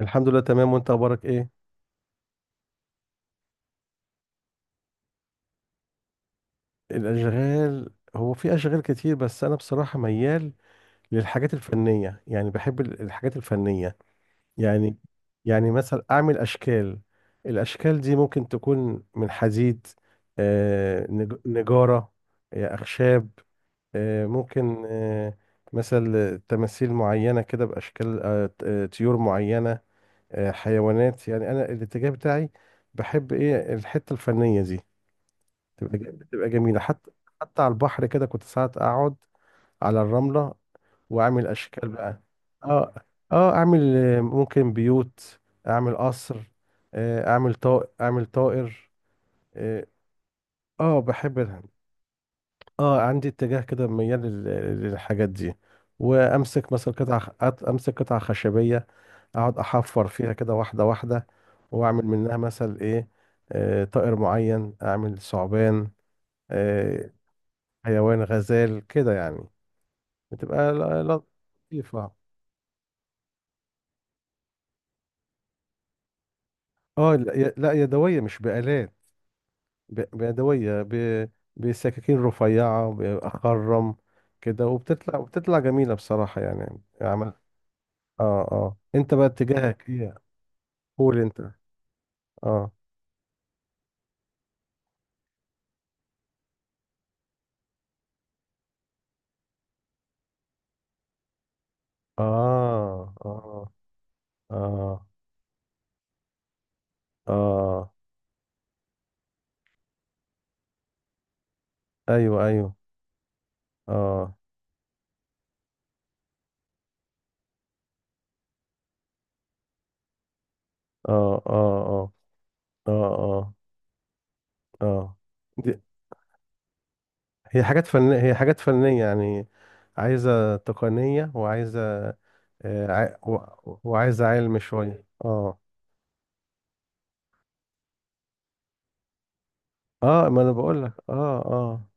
الحمد لله تمام، وانت اخبارك ايه؟ الاشغال. هو في اشغال كتير بس انا بصراحه ميال للحاجات الفنيه، يعني بحب الحاجات الفنيه. يعني. يعني مثلا اعمل اشكال، الاشكال دي ممكن تكون من حديد. نجاره. اخشاب. ممكن مثلا تماثيل معينه كده باشكال طيور معينه. حيوانات، يعني انا الاتجاه بتاعي. بحب ايه الحته الفنيه دي، بتبقى جميلة حتى. حتى على البحر كده كنت ساعات أقعد على الرملة وأعمل أشكال بقى. اه، اه. أعمل ممكن بيوت. أعمل قصر. أعمل طائر أعمل طائر. اه. بحب ال-. اه عندي اتجاه كده ميال للحاجات دي. وأمسك مثلا قطعة خ- أت- أمسك قطعة خشبية. أقعد أحفر فيها كده واحدة واحدة. وأعمل منها مثلا إيه. طائر معين أعمل ثعبان. آه، حيوان غزال كده يعني. بتبقى لطيفة اه، لا، لا يدوية، مش بآلات. بيدوية بسكاكين رفيعة بخرم كده، وبتطلع جميلة بصراحة، يعني عمل. اه، اه، انت بقى اتجاهك ايه؟ قول انت. اه، اه، اه، اه، اه، ايوه، ايوه، اه، اه، اه، اه، اه، اه، اه. هي حاجات فنية هي حاجات فنية، يعني عايزة تقنية، وعايزة وعايزة علم شوية، اه. اه، ما انا بقول لك، اه، اه.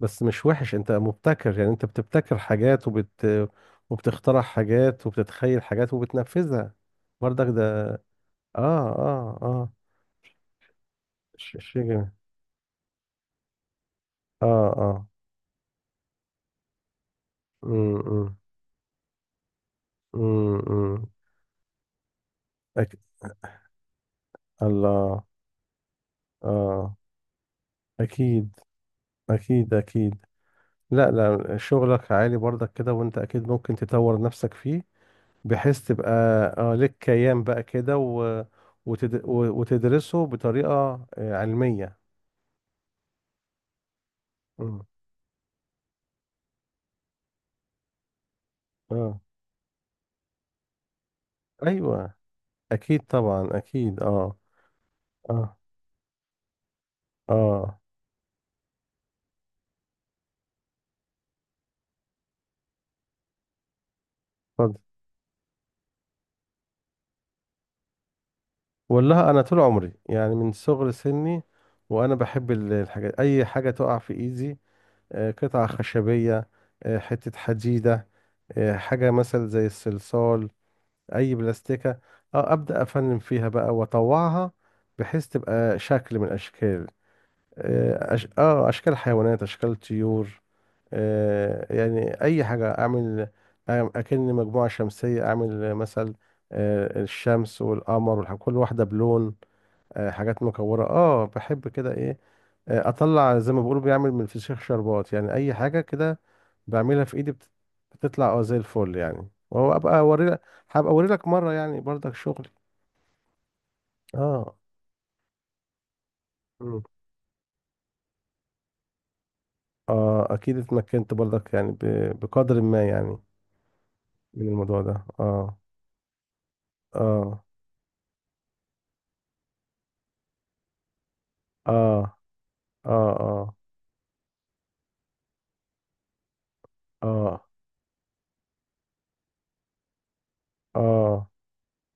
بس مش وحش، انت مبتكر يعني انت بتبتكر حاجات وبت، وبتخترع حاجات وبتتخيل حاجات وبتنفذها برضك ده. اه، اه، اه، شيء جميل. اه، اه، امم، امم. أك... الله. اه، اكيد، اكيد، اكيد. لا، لا، شغلك عالي برضك كده، وانت اكيد ممكن تطور نفسك فيه بحيث تبقى اه لك كيان بقى كده وتدرسه بطريقة علمية. مم. اه، ايوه، اكيد طبعا اكيد، اه. اه، اه، اتفضل. والله انا طول عمري يعني من صغر سني وانا بحب الحاجات، اي حاجة تقع في ايدي. قطعة خشبية. حتة حديدة. حاجة مثلا زي الصلصال. اي بلاستيكه. اه ابدا افنن فيها بقى واطوعها بحيث تبقى شكل من الاشكال. اه، اشكال حيوانات اشكال طيور. يعني اي حاجه اعمل. اكن مجموعه شمسيه، اعمل مثل الشمس والقمر كل واحده بلون. حاجات مكوره، اه بحب كده، ايه. اطلع زي ما بيقولوا بيعمل من الفسيخ شربات، يعني اي حاجه كده بعملها في ايدي بت-، بتطلع اه زي الفل يعني، وهو ابقى اوري لك. هبقى اوري لك مره يعني برضك شغلي. اه، مم. اه، اكيد اتمكنت برضك، يعني بقدر ما يعني من الموضوع ده، اه. اه، اه، اه، اه، اه، اه،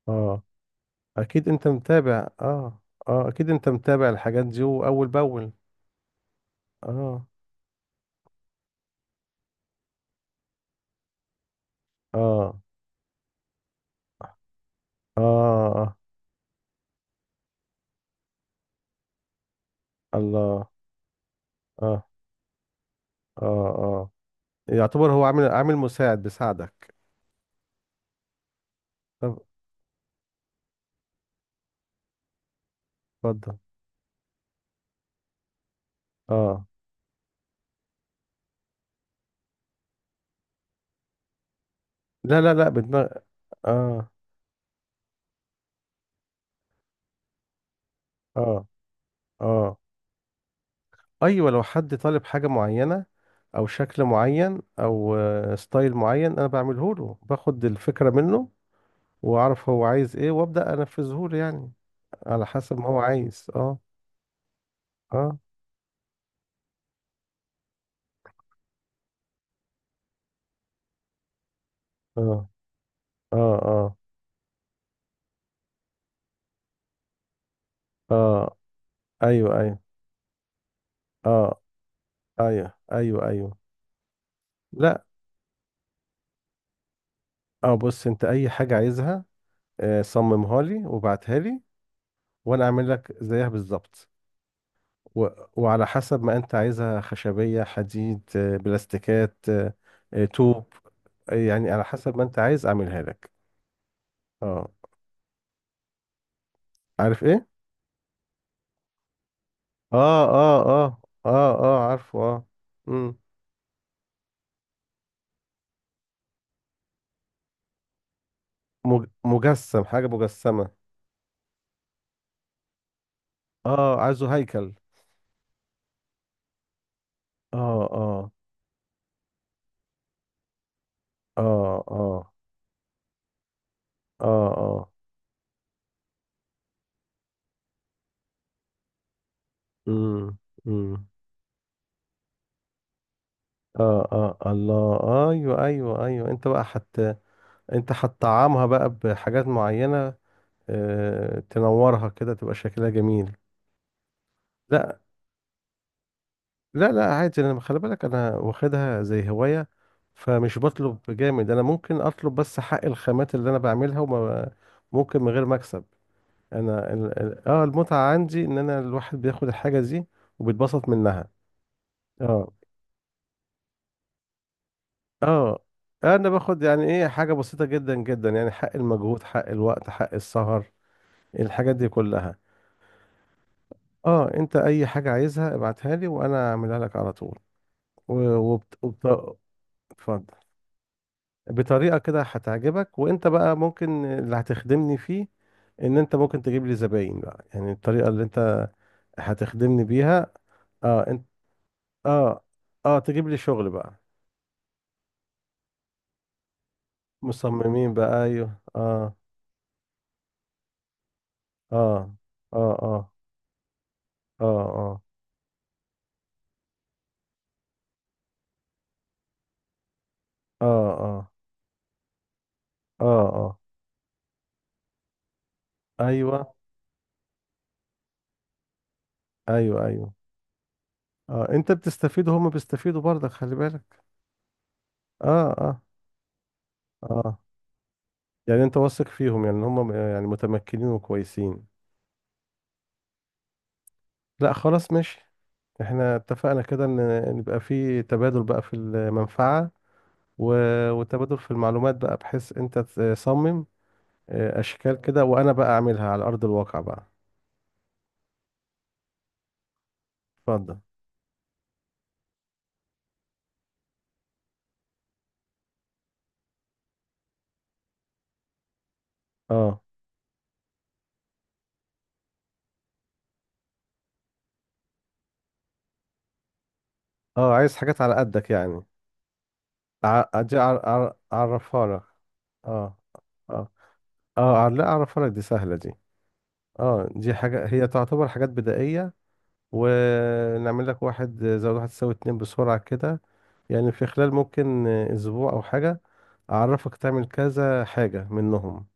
اه، اكيد انت متابع، اه. اه، اكيد انت متابع الحاجات دي اول باول. اه، اه، اه، آه. الله. اه، اه، اه. يعتبر هو عامل عامل مساعد بيساعدك. طب اتفضل. اه، لا، لا، لا، بدماغ. اه، اه، اه، ايوه، لو حد طالب حاجه معينه او شكل معين او ستايل معين، انا بعمله له، باخد الفكره منه واعرف هو عايز ايه وابدا انفذه له يعني. على حسب ما هو عايز، اه، اه، اه، اه، اه، اه، ايوه، ايوه، اه، ايوه، ايوه، ايوه، لا. اه، بص، انت اي حاجه عايزها صممها لي وبعتها لي، وانا اعمل لك زيها بالظبط. و... وعلى حسب ما انت عايزها، خشبية، حديد، بلاستيكات، طوب. يعني على حسب ما انت عايز اعملها لك. اه، عارف ايه. اه، اه، اه، اه، اه، عارفه، اه. مم. مجسم، حاجة مجسمة. اه، عايزه هيكل. اه، اه، اه، اه، اه، اه، امم، امم. اه، اه، الله. ايوه، ايوه، ايوه، انت بقى حت، انت هتطعمها بقى بحاجات معينة. تنورها كده تبقى شكلها جميل. لا، لا، لا، عادي، انا خلي بالك انا واخدها زي هواية، فمش بطلب جامد، انا ممكن اطلب بس حق الخامات اللي انا بعملها وما ممكن من غير مكسب. انا المتعة عندي ان انا الواحد بياخد الحاجة دي وبيتبسط منها. اه، اه، انا باخد يعني ايه حاجة بسيطة جدا جدا، يعني حق المجهود حق الوقت حق السهر، الحاجات دي كلها. اه، انت اي حاجة عايزها ابعتها لي وانا اعملها لك على طول. و- وبت... وبت... اتفضل. بطريقة كده هتعجبك، وانت بقى ممكن اللي هتخدمني فيه ان انت ممكن تجيب لي زباين بقى، يعني الطريقة اللي انت هتخدمني بيها. اه، انت، اه، اه، تجيب لي شغل بقى. مصممين بقى، ايوه، اه. اه، اه، اه، اه، اه، اه، اه، اه، اه، ايوه، ايوه، ايوه. اه، انت بتستفيد وهم بيستفيدوا برضك، خلي بالك. اه، اه، اه، يعني انت واثق فيهم، يعني هم يعني متمكنين وكويسين. لا، خلاص، ماشي. احنا اتفقنا كده ان نبقى في تبادل بقى في المنفعة و... وتبادل في المعلومات بقى، بحيث انت تصمم اشكال كده وانا بقى اعملها على ارض الواقع بقى. اتفضل. اه، اه، عايز حاجات على قدك يعني. أجي اعرفها لك. اه، اه، اه، لا اعرفها لك، دي سهلة دي. اه، دي حاجة هي تعتبر حاجات بدائية. ونعمل لك واحد زائد واحد يساوي اتنين بسرعة كده، يعني في خلال ممكن اسبوع او حاجة اعرفك تعمل كذا حاجة منهم،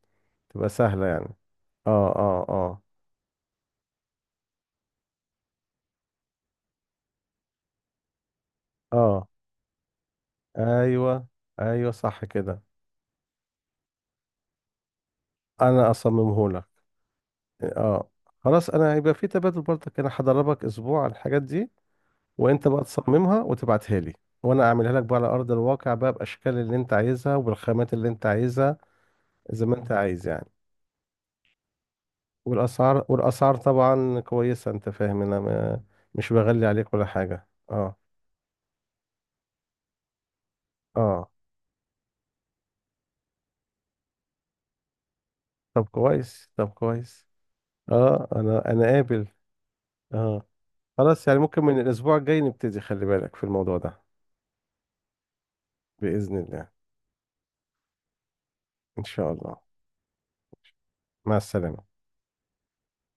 تبقى سهلة يعني. اه، اه، اه، اه، ايوه، ايوه، صح كده. انا اصممه لك. اه، خلاص، انا هيبقى في تبادل برضك، انا هدربك اسبوع على الحاجات دي، وانت بقى تصممها وتبعتها لي، وانا اعملها لك بقى على ارض الواقع بقى باشكال اللي انت عايزها وبالخامات اللي انت عايزها، زي ما انت عايز يعني. والاسعار طبعا كويسة، انت فاهم، انا ما-، مش بغلي عليك ولا حاجة، اه. اه، طب كويس، طب كويس. اه، انا قابل. اه، خلاص، يعني ممكن من الاسبوع الجاي نبتدي، خلي بالك في الموضوع ده. بإذن الله. ان شاء الله. مع السلامة.